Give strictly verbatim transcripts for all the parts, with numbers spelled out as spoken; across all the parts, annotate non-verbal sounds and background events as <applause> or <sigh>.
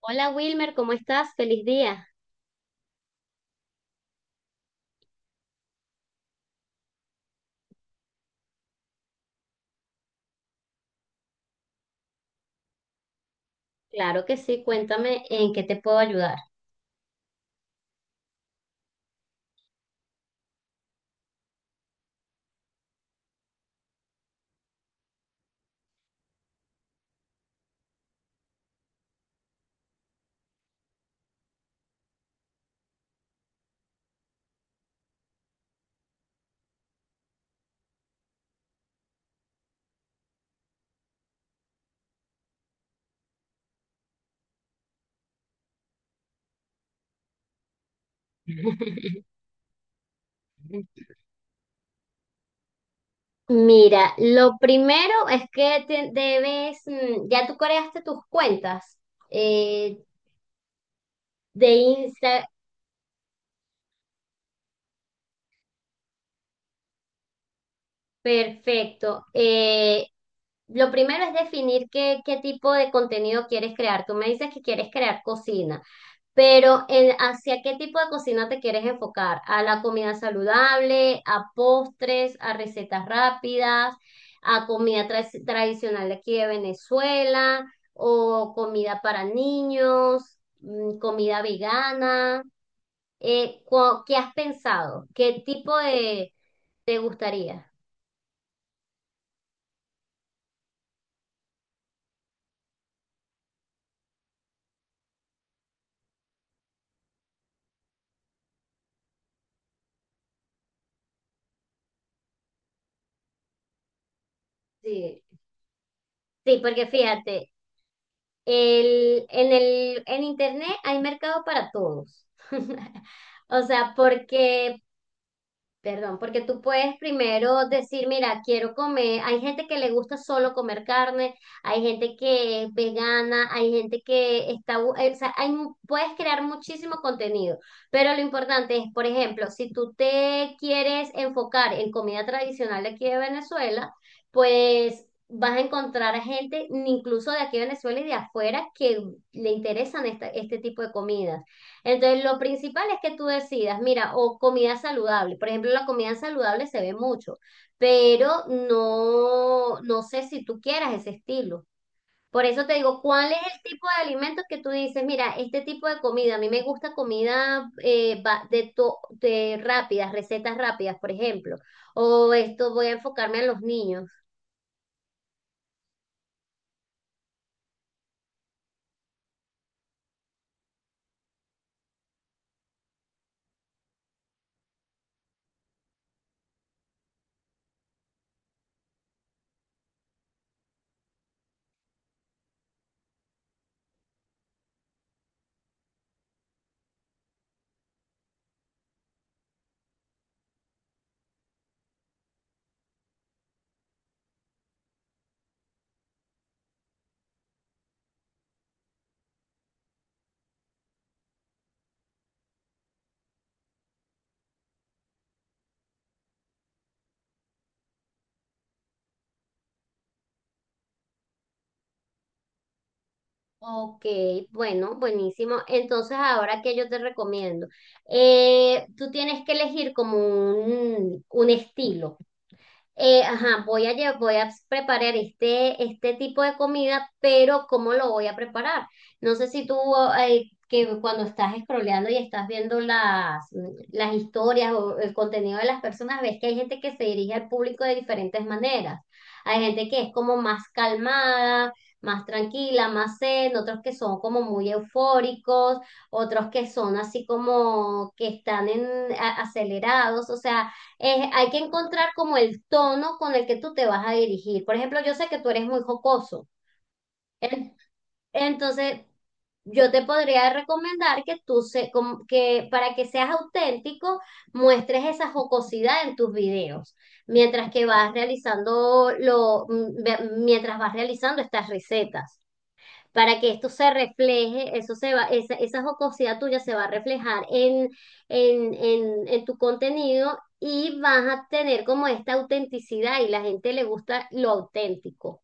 Hola Wilmer, ¿cómo estás? Feliz día. Claro que sí, cuéntame en qué te puedo ayudar. <laughs> Mira, lo primero es que te- debes, mm, ya tú creaste tus cuentas eh, de Instagram. Perfecto. Eh, lo primero es definir qué, qué tipo de contenido quieres crear. Tú me dices que quieres crear cocina, pero en- ¿hacia qué tipo de cocina te quieres enfocar? ¿A la comida saludable, a postres, a recetas rápidas, a comida tra- tradicional de aquí de Venezuela, o comida para niños, mm, comida vegana? Eh, cu- ¿qué has pensado? ¿Qué tipo de te gustaría? Sí. Sí, porque fíjate, el, en el, en internet hay mercado para todos. <laughs> O sea, porque perdón, porque tú puedes primero decir, mira, quiero comer, hay gente que le gusta solo comer carne, hay gente que es vegana, hay gente que está, bu- eh, o sea, hay mu- puedes crear muchísimo contenido, pero lo importante es, por ejemplo, si tú te quieres enfocar en comida tradicional de aquí de Venezuela, pues vas a encontrar a gente, incluso de aquí de Venezuela y de afuera, que le interesan esta- este tipo de comidas. Entonces, lo principal es que tú decidas, mira, o comida saludable. Por ejemplo, la comida saludable se ve mucho, pero no, no sé si tú quieras ese estilo. Por eso te digo, ¿cuál es el tipo de alimentos que tú dices? Mira, este tipo de comida, a mí me gusta comida eh, va- de, to- de rápidas, recetas rápidas, por ejemplo. O esto voy a enfocarme a los niños. Ok, bueno, buenísimo. Entonces, ahora que yo te recomiendo, Eh, tú tienes que elegir como un, un estilo, eh, ajá, voy a, lle- voy a preparar este, este tipo de comida, pero ¿cómo lo voy a preparar? No sé si tú, eh, que cuando estás scrolleando y estás viendo las, las historias o el contenido de las personas, ves que hay gente que se dirige al público de diferentes maneras. Hay gente que es como más calmada, más tranquila, más zen, otros que son como muy eufóricos, otros que son así como que están en, a- acelerados, o sea, eh, hay que encontrar como el tono con el que tú te vas a dirigir. Por ejemplo, yo sé que tú eres muy jocoso. En- Entonces, yo te podría recomendar que tú se, com- que para que seas auténtico, muestres esa jocosidad en tus videos, mientras que vas realizando lo, m- ve- mientras vas realizando estas recetas para que esto se refleje, eso se va, esa, esa jocosidad tuya se va a reflejar en, en, en, en tu contenido y vas a tener como esta autenticidad y la gente le gusta lo auténtico,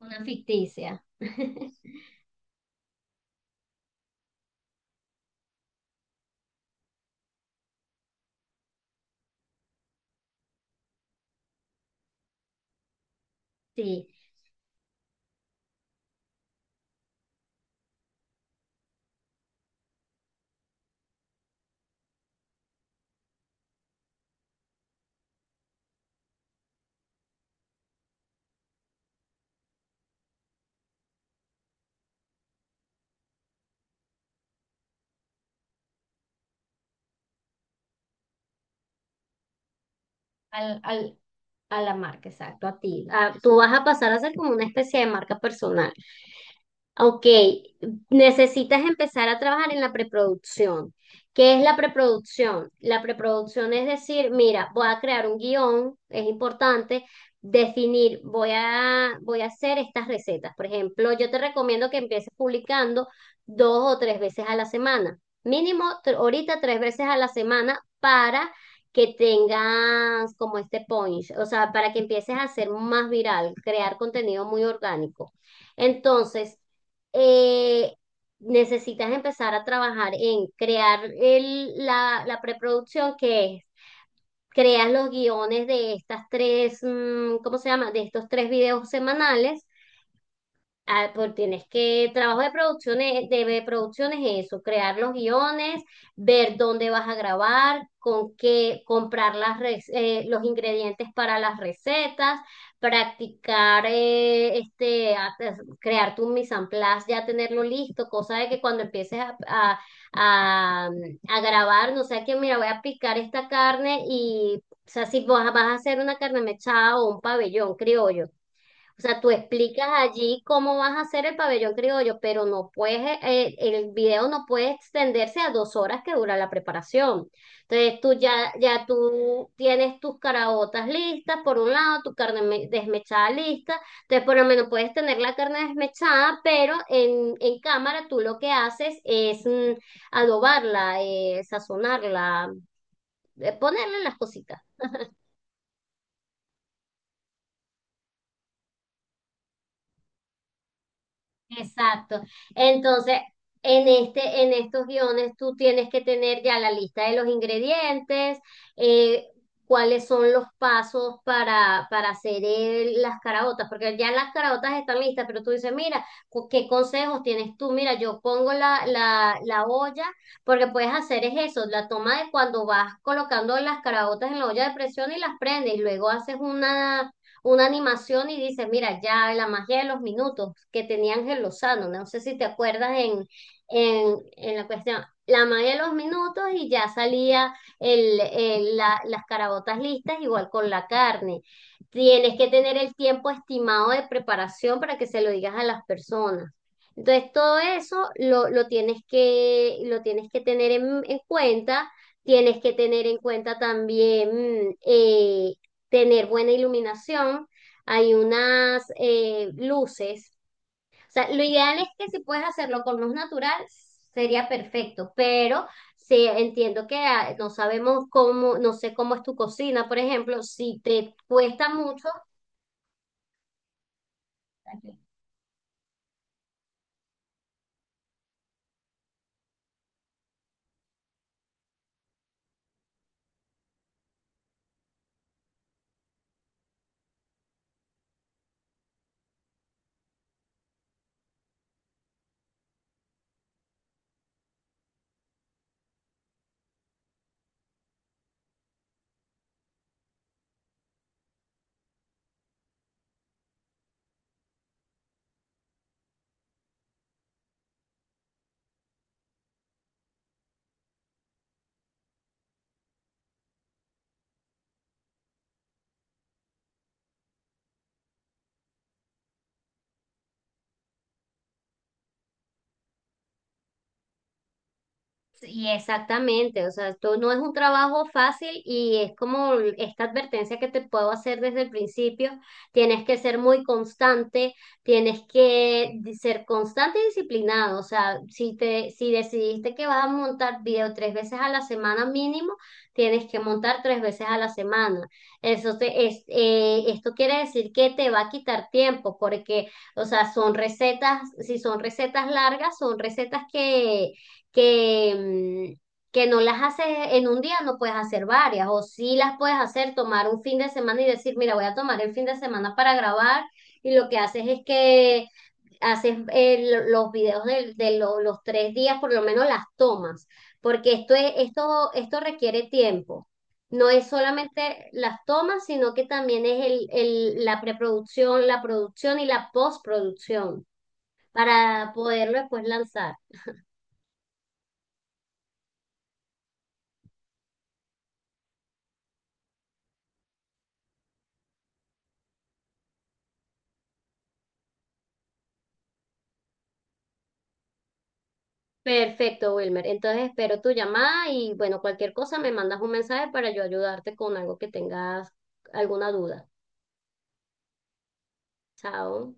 una ficticia. <laughs> Sí, al, al, a la marca, exacto, a ti. A- tú vas a pasar a ser como una especie de marca personal. Ok, necesitas empezar a trabajar en la preproducción. ¿Qué es la preproducción? La preproducción es decir, mira, voy a crear un guión, es importante definir, voy a, voy a hacer estas recetas. Por ejemplo, yo te recomiendo que empieces publicando dos o tres veces a la semana, mínimo tr- ahorita tres veces a la semana para que tengas como este punch, o sea, para que empieces a hacer más viral, crear contenido muy orgánico. Entonces, eh, necesitas empezar a trabajar en crear el, la, la preproducción, que es, creas los guiones de estas tres, mm, ¿cómo se llama? De estos tres videos semanales. Ah, pues tienes que, trabajo de producciones, de producciones es eso, crear los guiones, ver dónde vas a grabar, con qué, comprar las, rec- eh, los ingredientes para las recetas, practicar, eh, este, a- pues, crear tu mise en place, ya tenerlo listo, cosa de que cuando empieces a, a, a, a grabar, no sea que, mira, voy a picar esta carne y, o sea, si vas, vas a hacer una carne mechada o un pabellón criollo, o sea, tú explicas allí cómo vas a hacer el pabellón criollo, pero no puedes, eh, el video no puede extenderse a dos horas que dura la preparación. Entonces tú ya, ya tú tienes tus caraotas listas, por un lado, tu carne me- desmechada lista. Entonces por lo menos puedes tener la carne desmechada, pero en, en cámara tú lo que haces es mm, adobarla, eh, sazonarla, eh, ponerle las cositas. Exacto. Entonces, en este, en estos guiones tú tienes que tener ya la lista de los ingredientes, eh, cuáles son los pasos para, para hacer el- las caraotas, porque ya las caraotas están listas, pero tú dices, mira, cu- ¿qué consejos tienes tú? Mira, yo pongo la, la, la olla, porque puedes hacer es eso, la toma de cuando vas colocando las caraotas en la olla de presión y las prendes, y luego haces una una animación y dice, mira, ya la magia de los minutos que tenía Ángel Lozano, no sé si te acuerdas en, en, en la cuestión, la magia de los minutos y ya salía el, el- la- las carabotas listas igual con la carne. Tienes que tener el tiempo estimado de preparación para que se lo digas a las personas. Entonces, todo eso lo, lo tienes que, lo tienes que tener en en cuenta. Tienes que tener en cuenta también mm, eh, tener buena iluminación, hay unas eh, luces. O sea, lo ideal es que si puedes hacerlo con luz natural, sería perfecto, pero si entiendo que ah, no sabemos cómo, no sé cómo es tu cocina, por ejemplo, si te cuesta mucho. Y exactamente, o sea, esto no es un trabajo fácil y es como esta advertencia que te puedo hacer desde el principio, tienes que ser muy constante, tienes que di- ser constante y disciplinado, o sea, si te, si decidiste que vas a montar video tres veces a la semana mínimo, tienes que montar tres veces a la semana. Eso te, es, eh, esto quiere decir que te va a quitar tiempo porque, o sea, son recetas, si son recetas largas, son recetas que que, mm, que no las haces en un día, no puedes hacer varias, o sí las puedes hacer, tomar un fin de semana y decir, mira, voy a tomar el fin de semana para grabar, y lo que haces es que haces eh, lo- los videos de, de lo- los tres días, por lo menos las tomas, porque esto es, esto, esto requiere tiempo. No es solamente las tomas, sino que también es el, el- la preproducción, la producción y la postproducción para poderlo después lanzar. Perfecto, Wilmer. Entonces espero tu llamada y bueno, cualquier cosa me mandas un mensaje para yo ayudarte con algo que tengas alguna duda. Chao.